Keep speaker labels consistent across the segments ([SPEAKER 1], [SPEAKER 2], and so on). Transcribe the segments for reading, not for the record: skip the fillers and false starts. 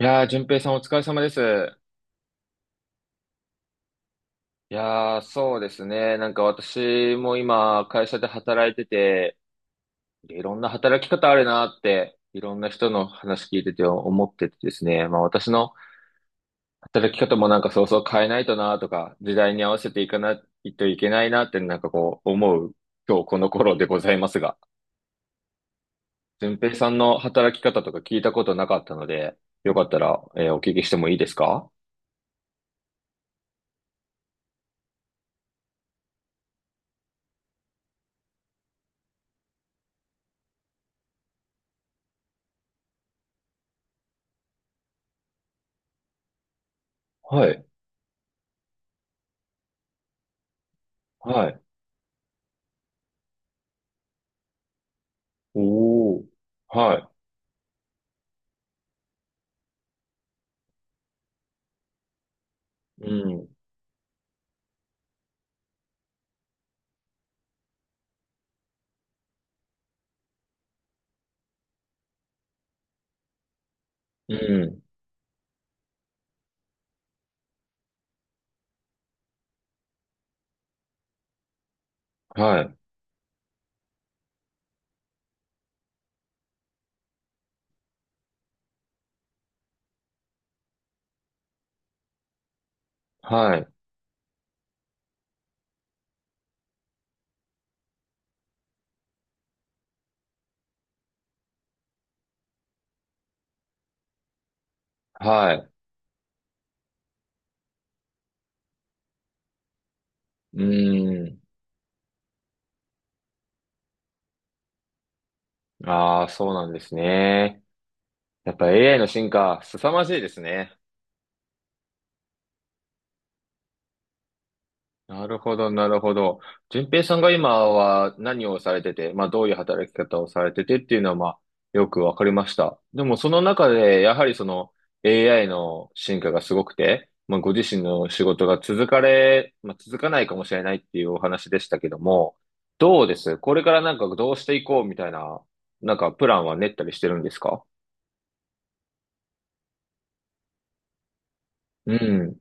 [SPEAKER 1] いやー、淳平さんお疲れ様です。いやー、そうですね。私も今、会社で働いてて、いろんな働き方あるなって、いろんな人の話聞いてて思っててですね。まあ私の働き方も変えないとなとか、時代に合わせていかないといけないなって思う、今日この頃でございますが、淳平さんの働き方とか聞いたことなかったので、よかったら、お聞きしてもいいですか？はい、はい、おー、はい。うん。うん。はい。はい。はい。うん。ああ、そうなんですね。やっぱ AI の進化、凄まじいですね。なるほど、なるほど。順平さんが今は何をされてて、まあどういう働き方をされててっていうのは、まあよくわかりました。でもその中でやはりその AI の進化がすごくて、まあご自身の仕事が続かれ、まあ続かないかもしれないっていうお話でしたけども、どうですこれからどうしていこうみたいな、プランは練ったりしてるんですか？うん。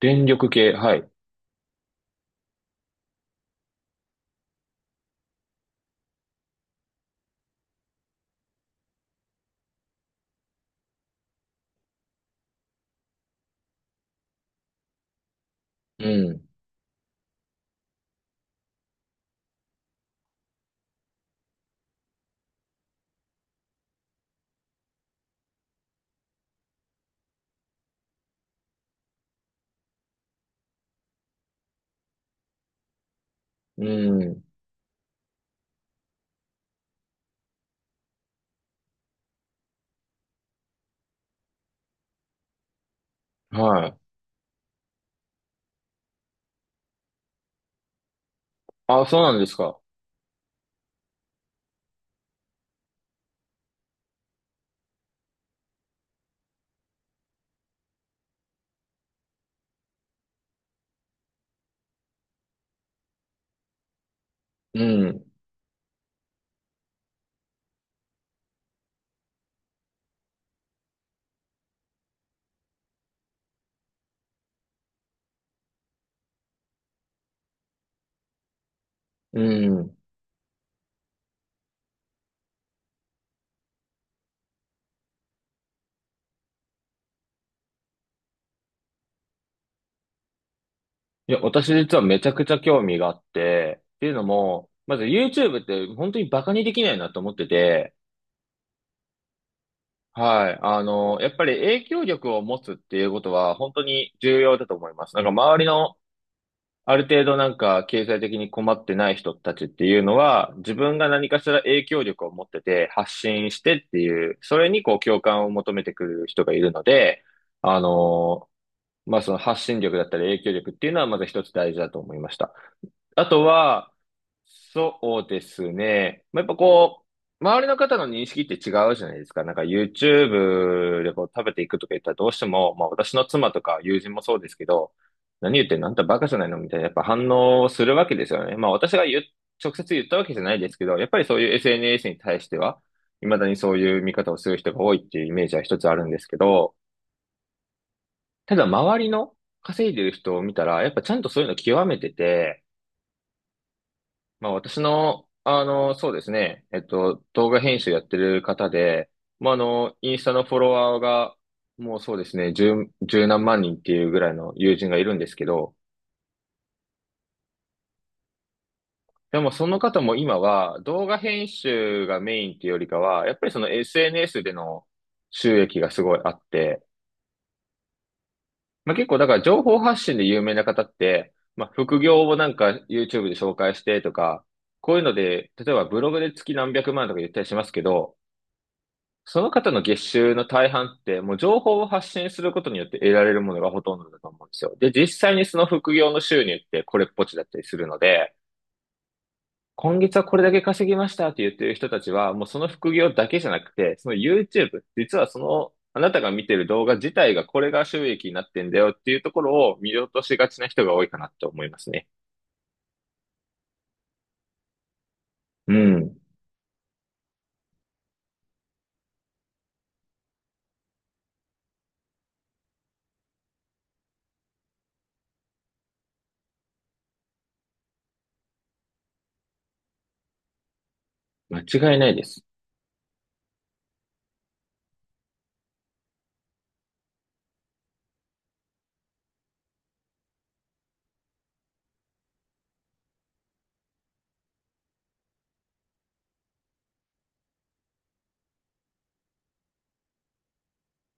[SPEAKER 1] 電力系、はい。うん。うん。はい。あ、そうなんですか。うん。うん。いや、私実はめちゃくちゃ興味があって、っていうのも、まず YouTube って本当にバカにできないなと思ってて、はい。あの、やっぱり影響力を持つっていうことは本当に重要だと思います。なんか周りのある程度なんか経済的に困ってない人たちっていうのは、自分が何かしら影響力を持ってて発信してっていう、それにこう共感を求めてくる人がいるので、あの、まあその発信力だったり影響力っていうのはまず一つ大事だと思いました。あとは、そうですね。まあ、やっぱこう、周りの方の認識って違うじゃないですか。なんか YouTube でこう食べていくとか言ったらどうしても、まあ私の妻とか友人もそうですけど、何言ってんのあんたバカじゃないのみたいな、やっぱ反応するわけですよね。まあ私が言う、直接言ったわけじゃないですけど、やっぱりそういう SNS に対しては、未だにそういう見方をする人が多いっていうイメージは一つあるんですけど、ただ周りの稼いでる人を見たら、やっぱちゃんとそういうの極めてて、まあ私の、あの、そうですね、動画編集やってる方で、まああの、インスタのフォロワーが、もうそうですね、十何万人っていうぐらいの友人がいるんですけど、でもその方も今は動画編集がメインっていうよりかは、やっぱりその SNS での収益がすごいあって、まあ結構だから情報発信で有名な方って、まあ副業をなんか YouTube で紹介してとか、こういうので、例えばブログで月何百万とか言ったりしますけど、その方の月収の大半って、もう情報を発信することによって得られるものがほとんどだと思うんですよ。で、実際にその副業の収入ってこれっぽっちだったりするので、今月はこれだけ稼ぎましたって言ってる人たちは、もうその副業だけじゃなくて、その YouTube、実はその、あなたが見てる動画自体が、これが収益になってんだよっていうところを見落としがちな人が多いかなと思いますね。うん。間違いないです。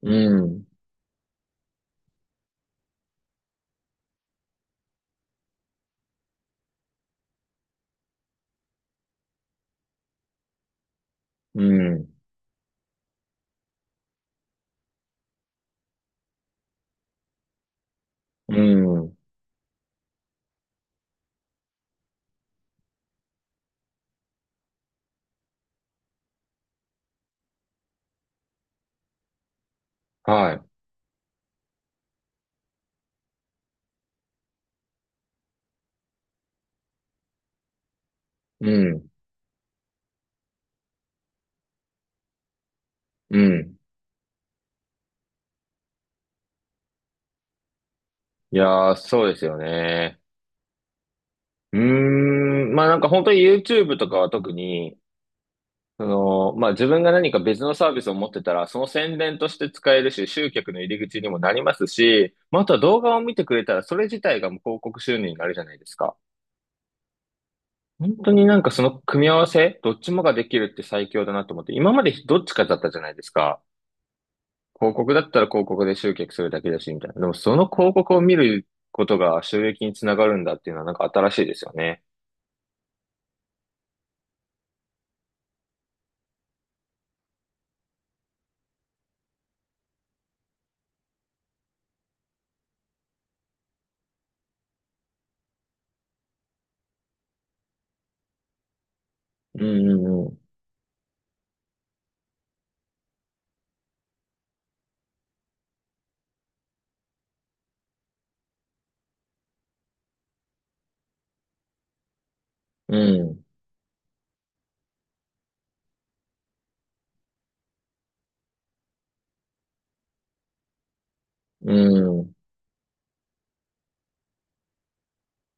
[SPEAKER 1] うん。うん。うん。はい。うん。うん。いやー、そうですよね。うーん、まあなんか本当に YouTube とかは特に、その、まあ自分が何か別のサービスを持ってたら、その宣伝として使えるし、集客の入り口にもなりますし、まああとは動画を見てくれたら、それ自体がもう広告収入になるじゃないですか。本当になんかその組み合わせ、どっちもができるって最強だなと思って、今までどっちかだったじゃないですか。広告だったら広告で集客するだけだし、みたいな。でもその広告を見ることが収益につながるんだっていうのは、なんか新しいですよね。うんうんうんうん。うん。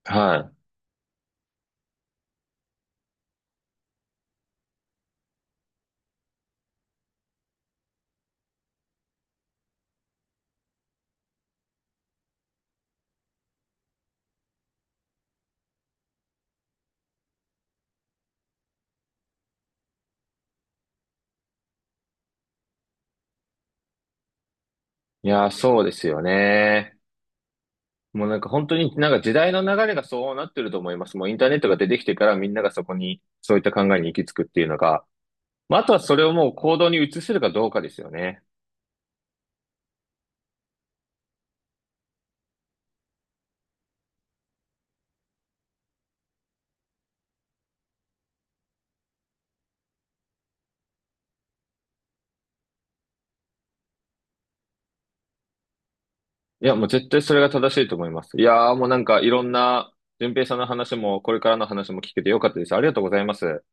[SPEAKER 1] はい。いやー、そうですよね。もうなんか本当になんか時代の流れがそうなってると思います。もうインターネットが出てきてから、みんながそこにそういった考えに行き着くっていうのが、まあ、あとはそれをもう行動に移せるかどうかですよね。いや、もう絶対それが正しいと思います。いやーもうなんかいろんな、順平さんの話もこれからの話も聞けてよかったです。ありがとうございます。